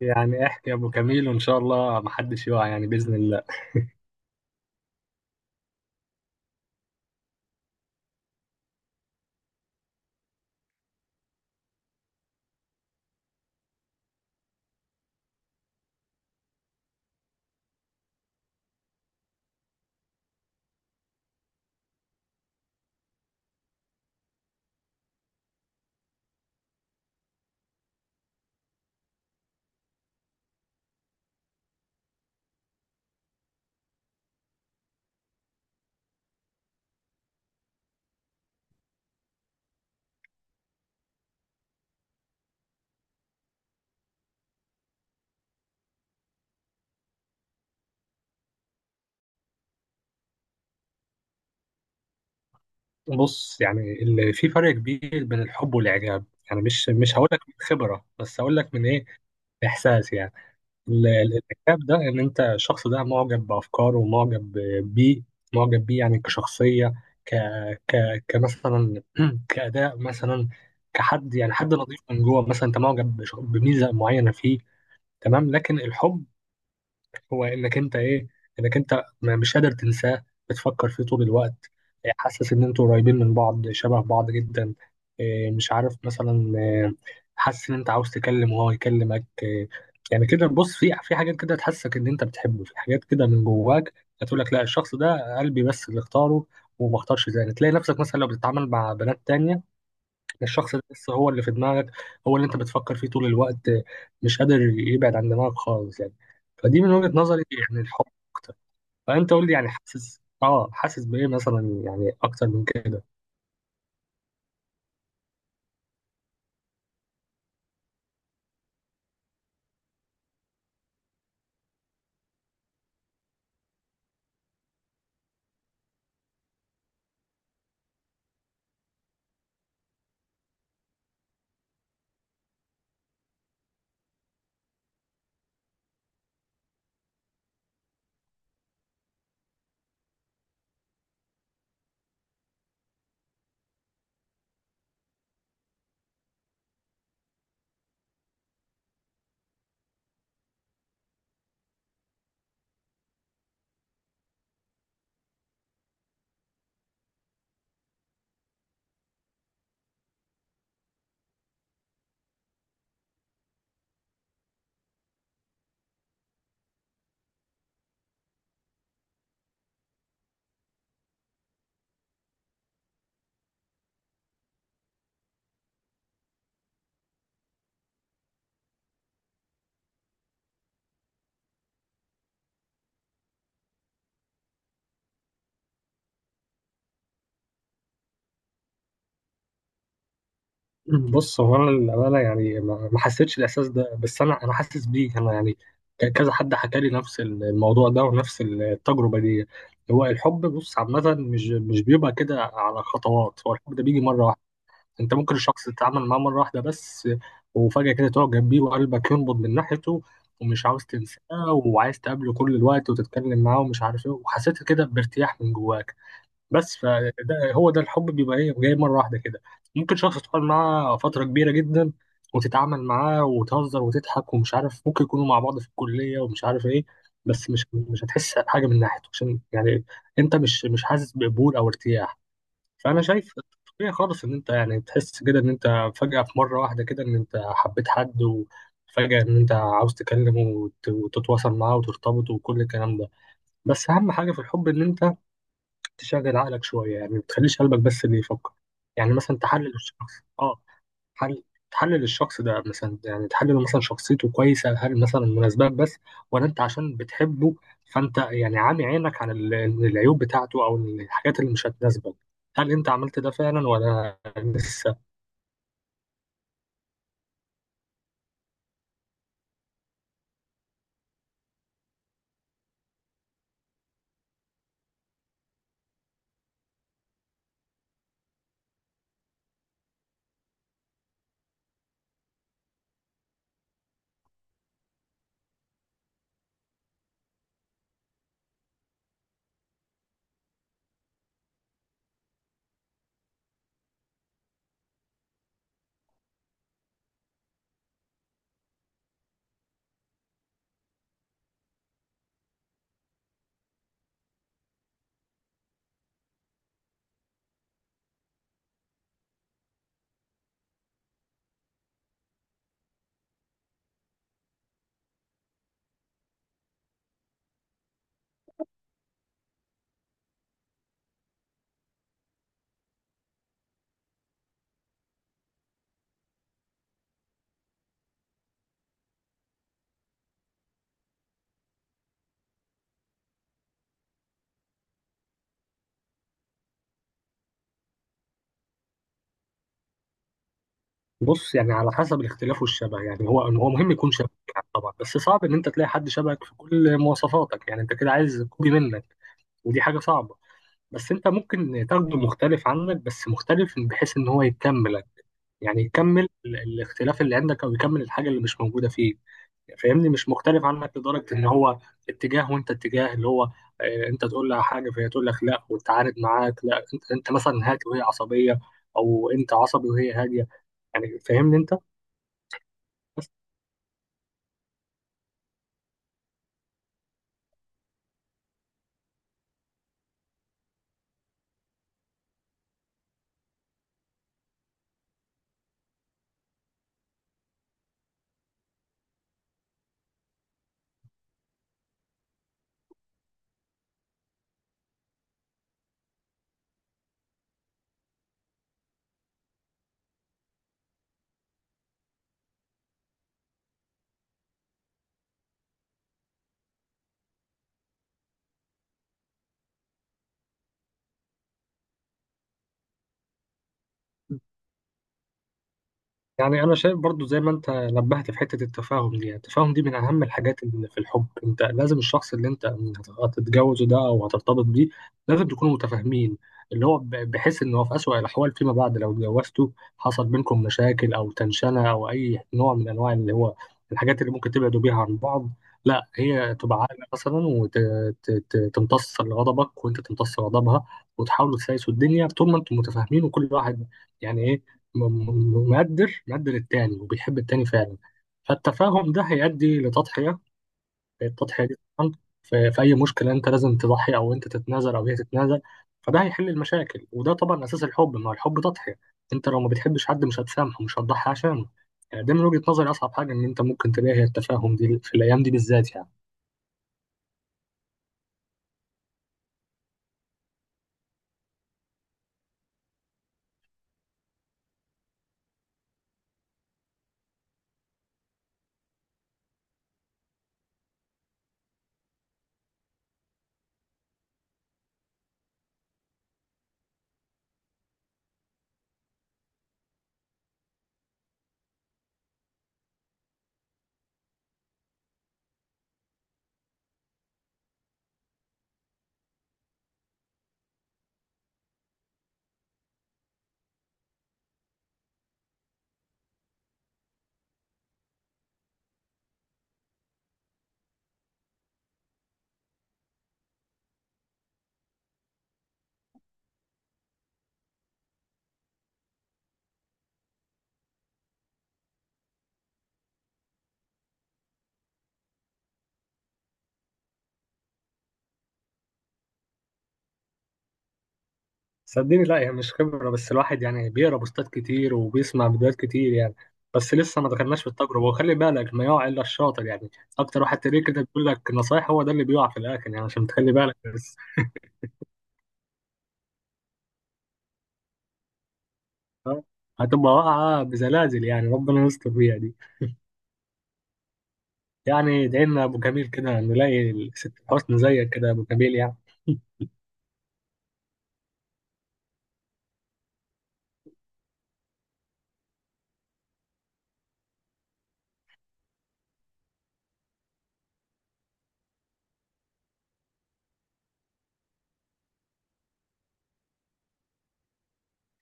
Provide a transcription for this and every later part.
يعني احكي يا ابو كميل وان شاء الله محدش يقع يعني باذن الله. بص، يعني اللي في فرق كبير بين الحب والاعجاب. يعني مش هقول لك من خبره، بس هقول لك من ايه، احساس يعني. ال- ال- الاعجاب ده ان انت الشخص ده معجب بافكاره ومعجب بيه، معجب بيه يعني كشخصيه، ك ك كمثلا كاداء مثلا، كحد، يعني حد نظيف من جوه، مثلا انت معجب بميزه معينه فيه، تمام. لكن الحب هو انك انت ايه، انك انت مش قادر تنساه، بتفكر فيه طول الوقت، إيه، حاسس ان انتوا قريبين من بعض، شبه بعض جدا، إيه، مش عارف مثلا، إيه، حاسس ان انت عاوز تكلم وهو يكلمك، إيه، يعني كده. بص في حاجات كده تحسك ان انت بتحبه، في حاجات كده من جواك هتقول لك لا، الشخص ده قلبي بس اللي اختاره وما اختارش تاني. تلاقي نفسك مثلا لو بتتعامل مع بنات تانية، الشخص ده لسه هو اللي في دماغك، هو اللي انت بتفكر فيه طول الوقت، مش قادر يبعد عن دماغك خالص يعني. فدي من وجهة نظري يعني الحب اكتر. فانت قول لي، يعني حاسس اه، حاسس بايه مثلا، يعني اكتر من كده؟ بص، هو انا للامانه يعني ما حسيتش الاحساس ده، بس انا حاسس بيه انا، يعني كذا حد حكى لي نفس الموضوع ده ونفس التجربه دي. هو الحب بص عامه مش بيبقى كده على خطوات، هو الحب ده بيجي مره واحده. انت ممكن الشخص تتعامل معاه مره واحده بس، وفجاه كده تعجب بيه وقلبك ينبض من ناحيته، ومش عاوز تنساه، وعايز تقابله كل الوقت وتتكلم معاه ومش عارف ايه، وحسيت كده بارتياح من جواك بس. فده هو ده الحب، بيبقى ايه، جاي مره واحده كده. ممكن شخص تقعد معاه فتره كبيره جدا وتتعامل معاه وتهزر وتضحك ومش عارف، ممكن يكونوا مع بعض في الكليه ومش عارف ايه، بس مش هتحس حاجه من ناحيته، عشان يعني انت مش حاسس بقبول او ارتياح. فانا شايف طبيعي خالص ان انت يعني تحس كده ان انت فجأة في مرة واحدة كده ان انت حبيت حد، وفجأة ان انت عاوز تكلمه وتتواصل معاه وترتبط وكل الكلام ده. بس اهم حاجة في الحب ان انت تشغل عقلك شوية، يعني ما تخليش قلبك بس اللي يفكر. يعني مثلا تحلل الشخص، اه، حل، تحلل الشخص ده مثلا، يعني تحلل مثلا شخصيته كويسة، هل مثلا مناسبات بس، ولا انت عشان بتحبه فانت يعني عامي عينك عن العيوب بتاعته او الحاجات اللي مش هتناسبك؟ هل انت عملت ده فعلا ولا لسه؟ بص يعني على حسب الاختلاف والشبه، يعني هو مهم يكون شبهك يعني طبعا، بس صعب ان انت تلاقي حد شبهك في كل مواصفاتك، يعني انت كده عايز كوبي منك، ودي حاجة صعبة. بس انت ممكن تاخده مختلف عنك، بس مختلف بحيث ان هو يكملك، يعني يكمل الاختلاف اللي عندك او يكمل الحاجه اللي مش موجوده فيه. فاهمني؟ مش مختلف عنك لدرجه ان هو اتجاه وانت اتجاه، اللي هو اه، انت تقول لها حاجه فهي تقول لك لا وتعارض معاك، لا، انت انت مثلا هادي وهي عصبيه، او انت عصبي وهي هاديه، يعني فاهمني انت؟ يعني انا شايف برضو زي ما انت نبهت في حته التفاهم دي، يعني التفاهم دي من اهم الحاجات اللي في الحب. انت لازم الشخص اللي انت هتتجوزه ده او هترتبط بيه لازم تكونوا متفاهمين، اللي هو بحيث ان هو في اسوأ الاحوال فيما بعد لو اتجوزته، حصل بينكم مشاكل او تنشنه او اي نوع من انواع اللي هو الحاجات اللي ممكن تبعدوا بيها عن بعض، لا، هي تبقى عاقله مثلا وتمتص غضبك وانت تمتص غضبها، وتحاولوا تسايسوا الدنيا طول ما انتم متفاهمين، وكل واحد يعني ايه، مقدر، مقدر التاني وبيحب التاني فعلا. فالتفاهم ده هيؤدي لتضحية، التضحية دي طبعا في أي مشكلة أنت لازم تضحي، أو أنت تتنازل أو هي تتنازل، فده هيحل المشاكل، وده طبعا أساس الحب، ما هو الحب تضحية. أنت لو ما بتحبش حد مش هتسامحه، مش هتضحي عشانه. يعني ده من وجهة نظري أصعب حاجة، إن أنت ممكن تلاقي هي التفاهم دي في الأيام دي بالذات يعني. صدقني لا، يعني مش خبرة، بس الواحد يعني بيقرا بوستات كتير وبيسمع فيديوهات كتير يعني، بس لسه ما دخلناش في التجربة، وخلي بالك، ما يقع إلا الشاطر يعني. أكتر واحد تلاقيه كده بيقول لك نصايح هو ده اللي بيقع في الآخر، يعني عشان تخلي بالك بس. آه، هتبقى واقعة بزلازل يعني، ربنا يستر بيها دي. يعني ادعي لنا يا أبو جميل كده نلاقي الست حسن زيك كده يا أبو جميل يعني.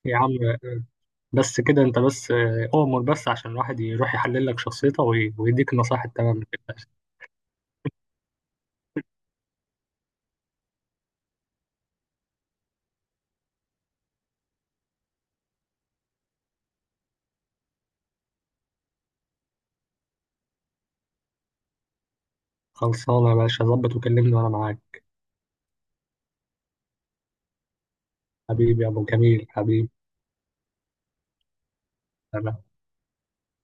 يا عم بس كده، أنت بس آه، أؤمر بس عشان الواحد يروح يحلل لك شخصيته ويديك النصايح التمام كده. خلصانة يا باشا، ظبط وكلمني وأنا معاك. حبيبي يا ابو جميل، حبيبي أنا.